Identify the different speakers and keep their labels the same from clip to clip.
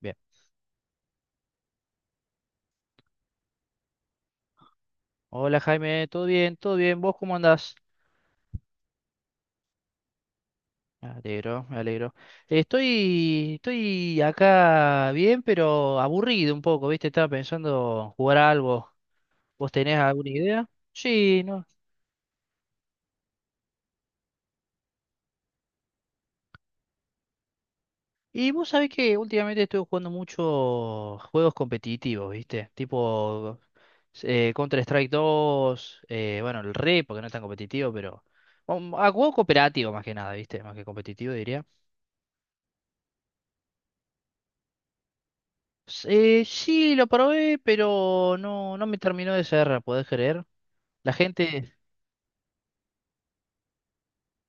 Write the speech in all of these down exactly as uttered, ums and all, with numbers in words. Speaker 1: Bien. Hola Jaime, ¿todo bien? ¿Todo bien? ¿Vos cómo andás? Me alegro, me alegro. Eh, Estoy, estoy acá bien, pero aburrido un poco, ¿viste? Estaba pensando jugar a algo. ¿Vos tenés alguna idea? Sí, no. Y vos sabés que últimamente estoy jugando mucho juegos competitivos, ¿viste? Tipo eh, Counter-Strike dos, eh, bueno, el R E, porque no es tan competitivo, pero... um, A juego cooperativo más que nada, ¿viste? Más que competitivo, diría. Eh, sí, lo probé, pero no, no me terminó de cerrar, ¿podés creer? La gente,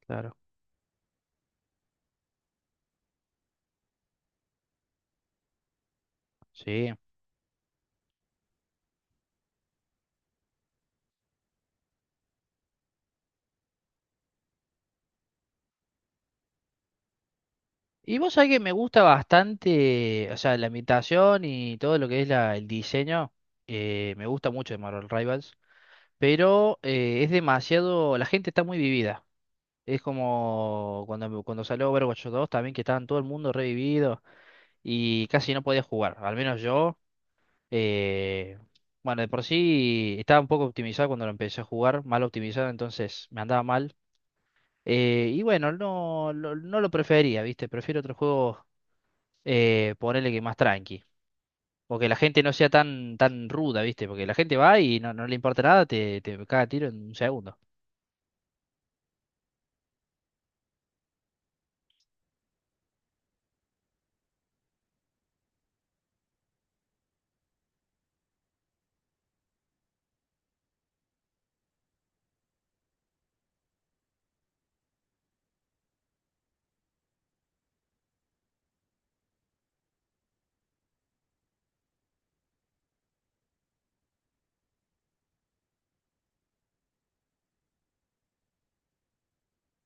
Speaker 1: claro, sí. Y vos sabés que me gusta bastante, o sea, la ambientación y todo lo que es la, el diseño, eh, me gusta mucho de Marvel Rivals, pero eh, es demasiado, la gente está muy vivida. Es como cuando, cuando salió Overwatch dos también, que estaban todo el mundo revivido y casi no podía jugar, al menos yo. Eh, bueno, de por sí estaba un poco optimizado cuando lo empecé a jugar, mal optimizado, entonces me andaba mal. Eh, y bueno, no, lo- no lo prefería, ¿viste? Prefiero otro juego, eh, ponerle que más tranqui. O que la gente no sea tan, tan ruda, ¿viste? Porque la gente va y no, no le importa nada, te, te caga a tiro en un segundo.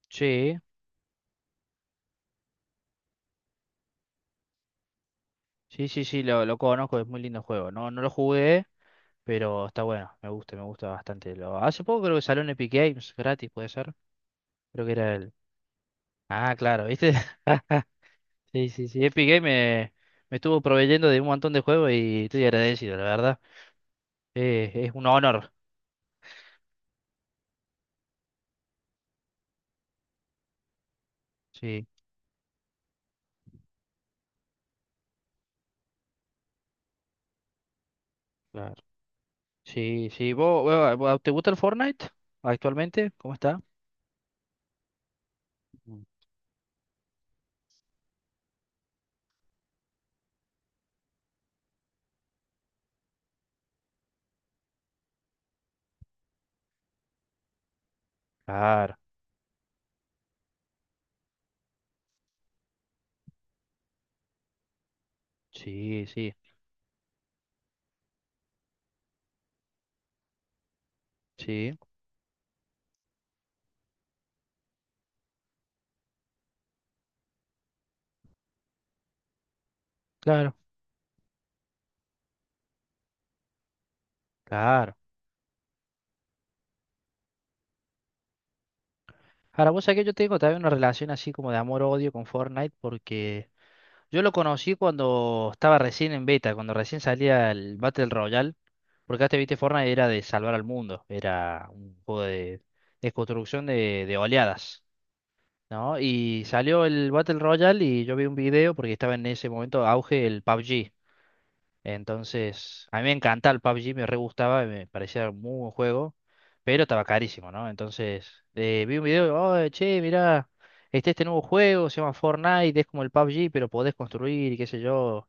Speaker 1: Sí, sí, sí, sí, lo, lo conozco, es muy lindo juego. No, no lo jugué, pero está bueno, me gusta, me gusta bastante. Lo, hace poco creo que salió en Epic Games, gratis, puede ser. Creo que era el... Ah, claro, ¿viste? Sí, sí, sí. Epic Games me, me estuvo proveyendo de un montón de juegos y estoy agradecido, la verdad. Eh, es un honor. Sí, claro. Sí, sí. ¿Vos, vos- vos- te gusta el Fortnite actualmente? ¿Cómo está? Mm. Claro. Sí, sí, sí. Claro, claro. Ahora, vos sabés que yo tengo también una relación así como de amor-odio con Fortnite porque yo lo conocí cuando estaba recién en beta, cuando recién salía el Battle Royale. Porque antes, viste, Fortnite era de salvar al mundo, era un juego de, de construcción de, de oleadas, ¿no? Y salió el Battle Royale y yo vi un video porque estaba en ese momento auge el PUBG. Entonces, a mí me encanta el PUBG, me re gustaba, me parecía un muy buen juego, pero estaba carísimo, ¿no? Entonces, eh, vi un video, oh, che, mirá, Este este nuevo juego, se llama Fortnite, es como el PUBG, pero podés construir y qué sé yo.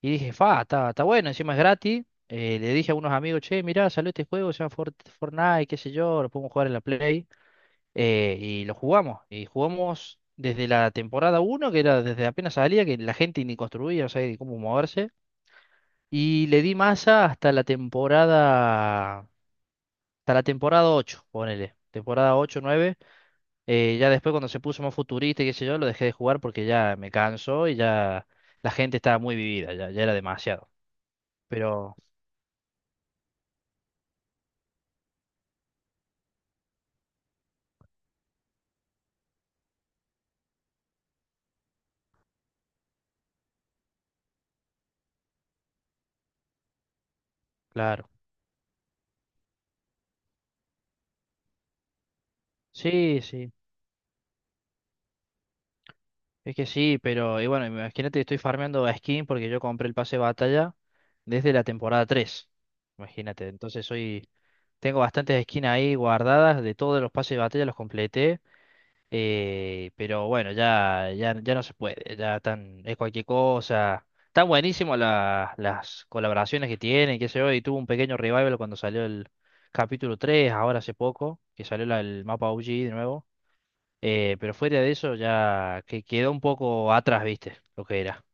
Speaker 1: Y dije, fa, está, está bueno, encima es gratis. Eh, le dije a unos amigos, che, mirá, salió este juego, se llama Fort- Fortnite, qué sé yo, lo podemos jugar en la Play. Eh, y lo jugamos. Y jugamos desde la temporada uno que era desde apenas salía, que la gente ni construía, no sabía ni cómo moverse. Y le di masa hasta la temporada, hasta la temporada ocho ponele. Temporada ocho nueve. Eh, ya después cuando se puso más futurista y qué sé yo, lo dejé de jugar porque ya me cansó y ya la gente estaba muy vivida, ya, ya era demasiado. Pero... Claro. Sí, sí, es que sí, pero y bueno, imagínate, estoy farmeando a skin porque yo compré el pase de batalla desde la temporada tres. Imagínate, entonces soy, tengo bastantes skins ahí guardadas de todos los pases de batalla, los completé, eh, pero bueno, ya, ya, ya no se puede, ya tan, es cualquier cosa. Están buenísimas la- las colaboraciones que tienen, qué sé yo, y tuvo un pequeño revival cuando salió el capítulo tres, ahora hace poco, que salió la- el mapa O G de nuevo. Eh, pero fuera de eso ya que quedó un poco atrás, ¿viste? Lo que era.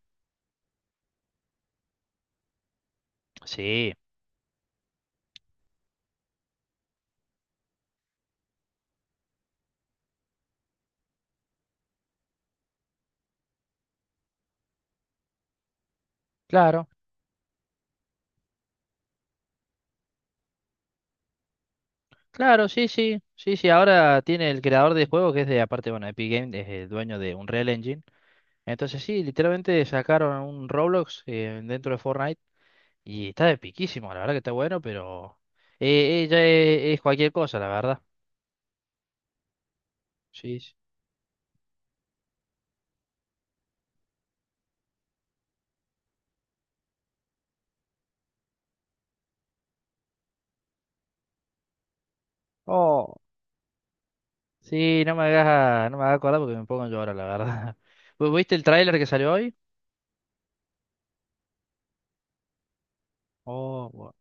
Speaker 1: Sí, claro, claro, sí, sí, sí, sí. Ahora tiene el creador de juego que es de, aparte, bueno, Epic Games, es el dueño de Unreal Engine. Entonces sí, literalmente sacaron un Roblox eh, dentro de Fortnite y está de piquísimo, la verdad que está bueno, pero eh, eh, ya es, es cualquier cosa, la verdad. Sí, sí. Oh, sí, no me hagas, no me hagas acordar porque me pongo a llorar, la verdad. ¿Vos ¿Viste el tráiler que salió hoy? Oh, bueno,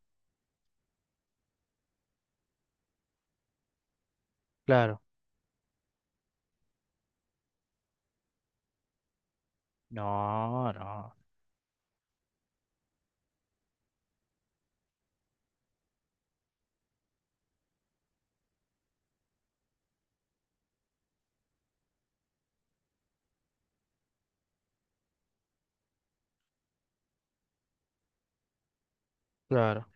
Speaker 1: claro. No, no, claro.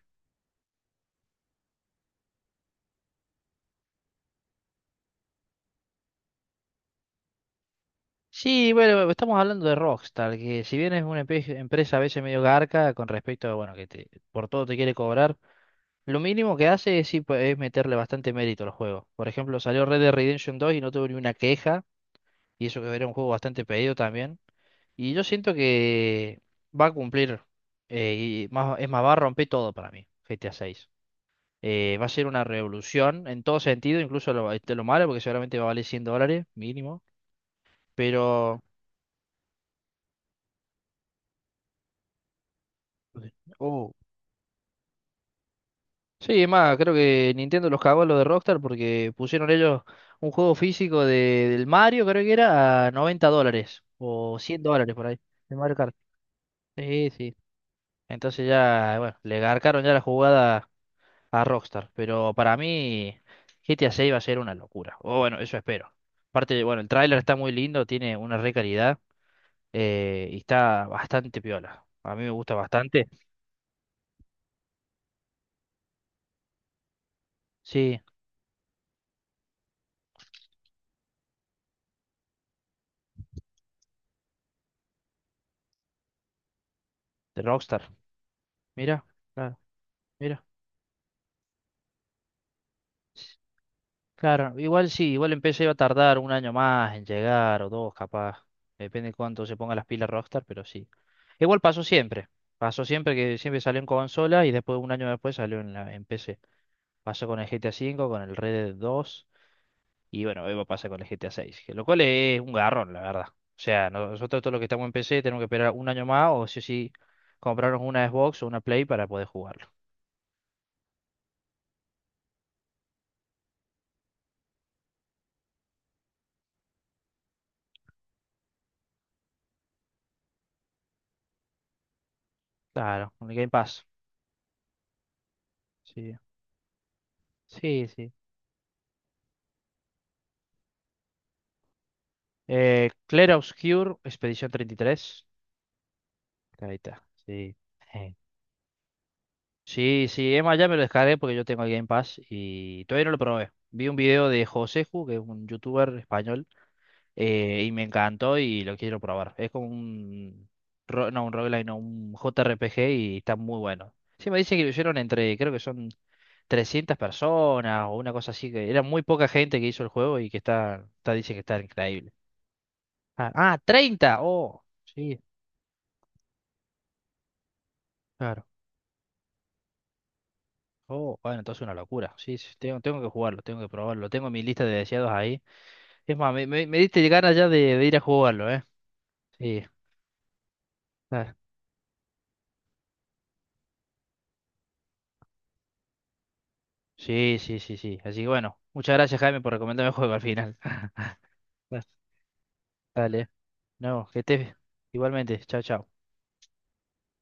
Speaker 1: Sí, bueno, estamos hablando de Rockstar, que si bien es una empe- empresa a veces medio garca con respecto a, bueno, que te, por todo te quiere cobrar, lo mínimo que hace es, sí, pues, es meterle bastante mérito al juego. Por ejemplo, salió Red Dead Redemption dos y no tuve ni una queja, y eso que era un juego bastante pedido también. Y yo siento que va a cumplir, eh, y más, es más, va a romper todo para mí, G T A seis. Va a ser una revolución en todo sentido, incluso lo, este, lo malo, porque seguramente va a valer cien dólares mínimo. Pero. Oh. Sí, es más, creo que Nintendo los cagó a lo de Rockstar porque pusieron ellos un juego físico de, del Mario, creo que era, a noventa dólares o cien dólares por ahí. De Mario Kart. Sí, sí. Entonces ya, bueno, le garcaron ya la jugada a Rockstar. Pero para mí, G T A seis va a ser una locura. O bueno, eso espero. Aparte, bueno, el tráiler está muy lindo, tiene una re calidad eh, y está bastante piola. A mí me gusta bastante. Sí, de Rockstar. Mira, claro, mira. Claro, igual sí, igual el P C iba a tardar un año más en llegar o dos, capaz. Depende de cuánto se ponga las pilas Rockstar, pero sí. Igual pasó siempre. Pasó siempre que siempre salió en consola y después un año después salió en, la, en P C. Pasó con el G T A cinco, con el Red Dead dos y bueno, hoy va a pasar con el G T A seis, que lo cual es un garrón, la verdad. O sea, nosotros todos los que estamos en P C tenemos que esperar un año más o sí o sí comprarnos una Xbox o una Play para poder jugarlo. Claro, un Game Pass. Sí, sí, sí. Eh, Clair Obscur, Expedición treinta y tres. Ahí está, sí. Eh, Sí, sí, Emma ya me lo descargué porque yo tengo el Game Pass y todavía no lo probé. Vi un video de Joseju, que es un youtuber español, eh, y me encantó y lo quiero probar. Es como un... ro- No, un roguelike, no, un J R P G y está muy bueno. Sí, me dice que lo hicieron entre, creo que son trescientas personas o una cosa así, que era muy poca gente que hizo el juego y que está, está dice que está increíble. Ah, ah, treinta, oh, sí, claro. Oh, bueno, entonces una locura. Sí, sí, tengo, tengo que jugarlo, tengo que probarlo. Tengo mi lista de deseados ahí. Es más, me, me, me diste ganas ya de, de ir a jugarlo, ¿eh? Sí, ah, sí, sí, sí, sí. Así que bueno, muchas gracias, Jaime, por recomendarme el juego al final. Dale. No, que estés igualmente. Chao, chao.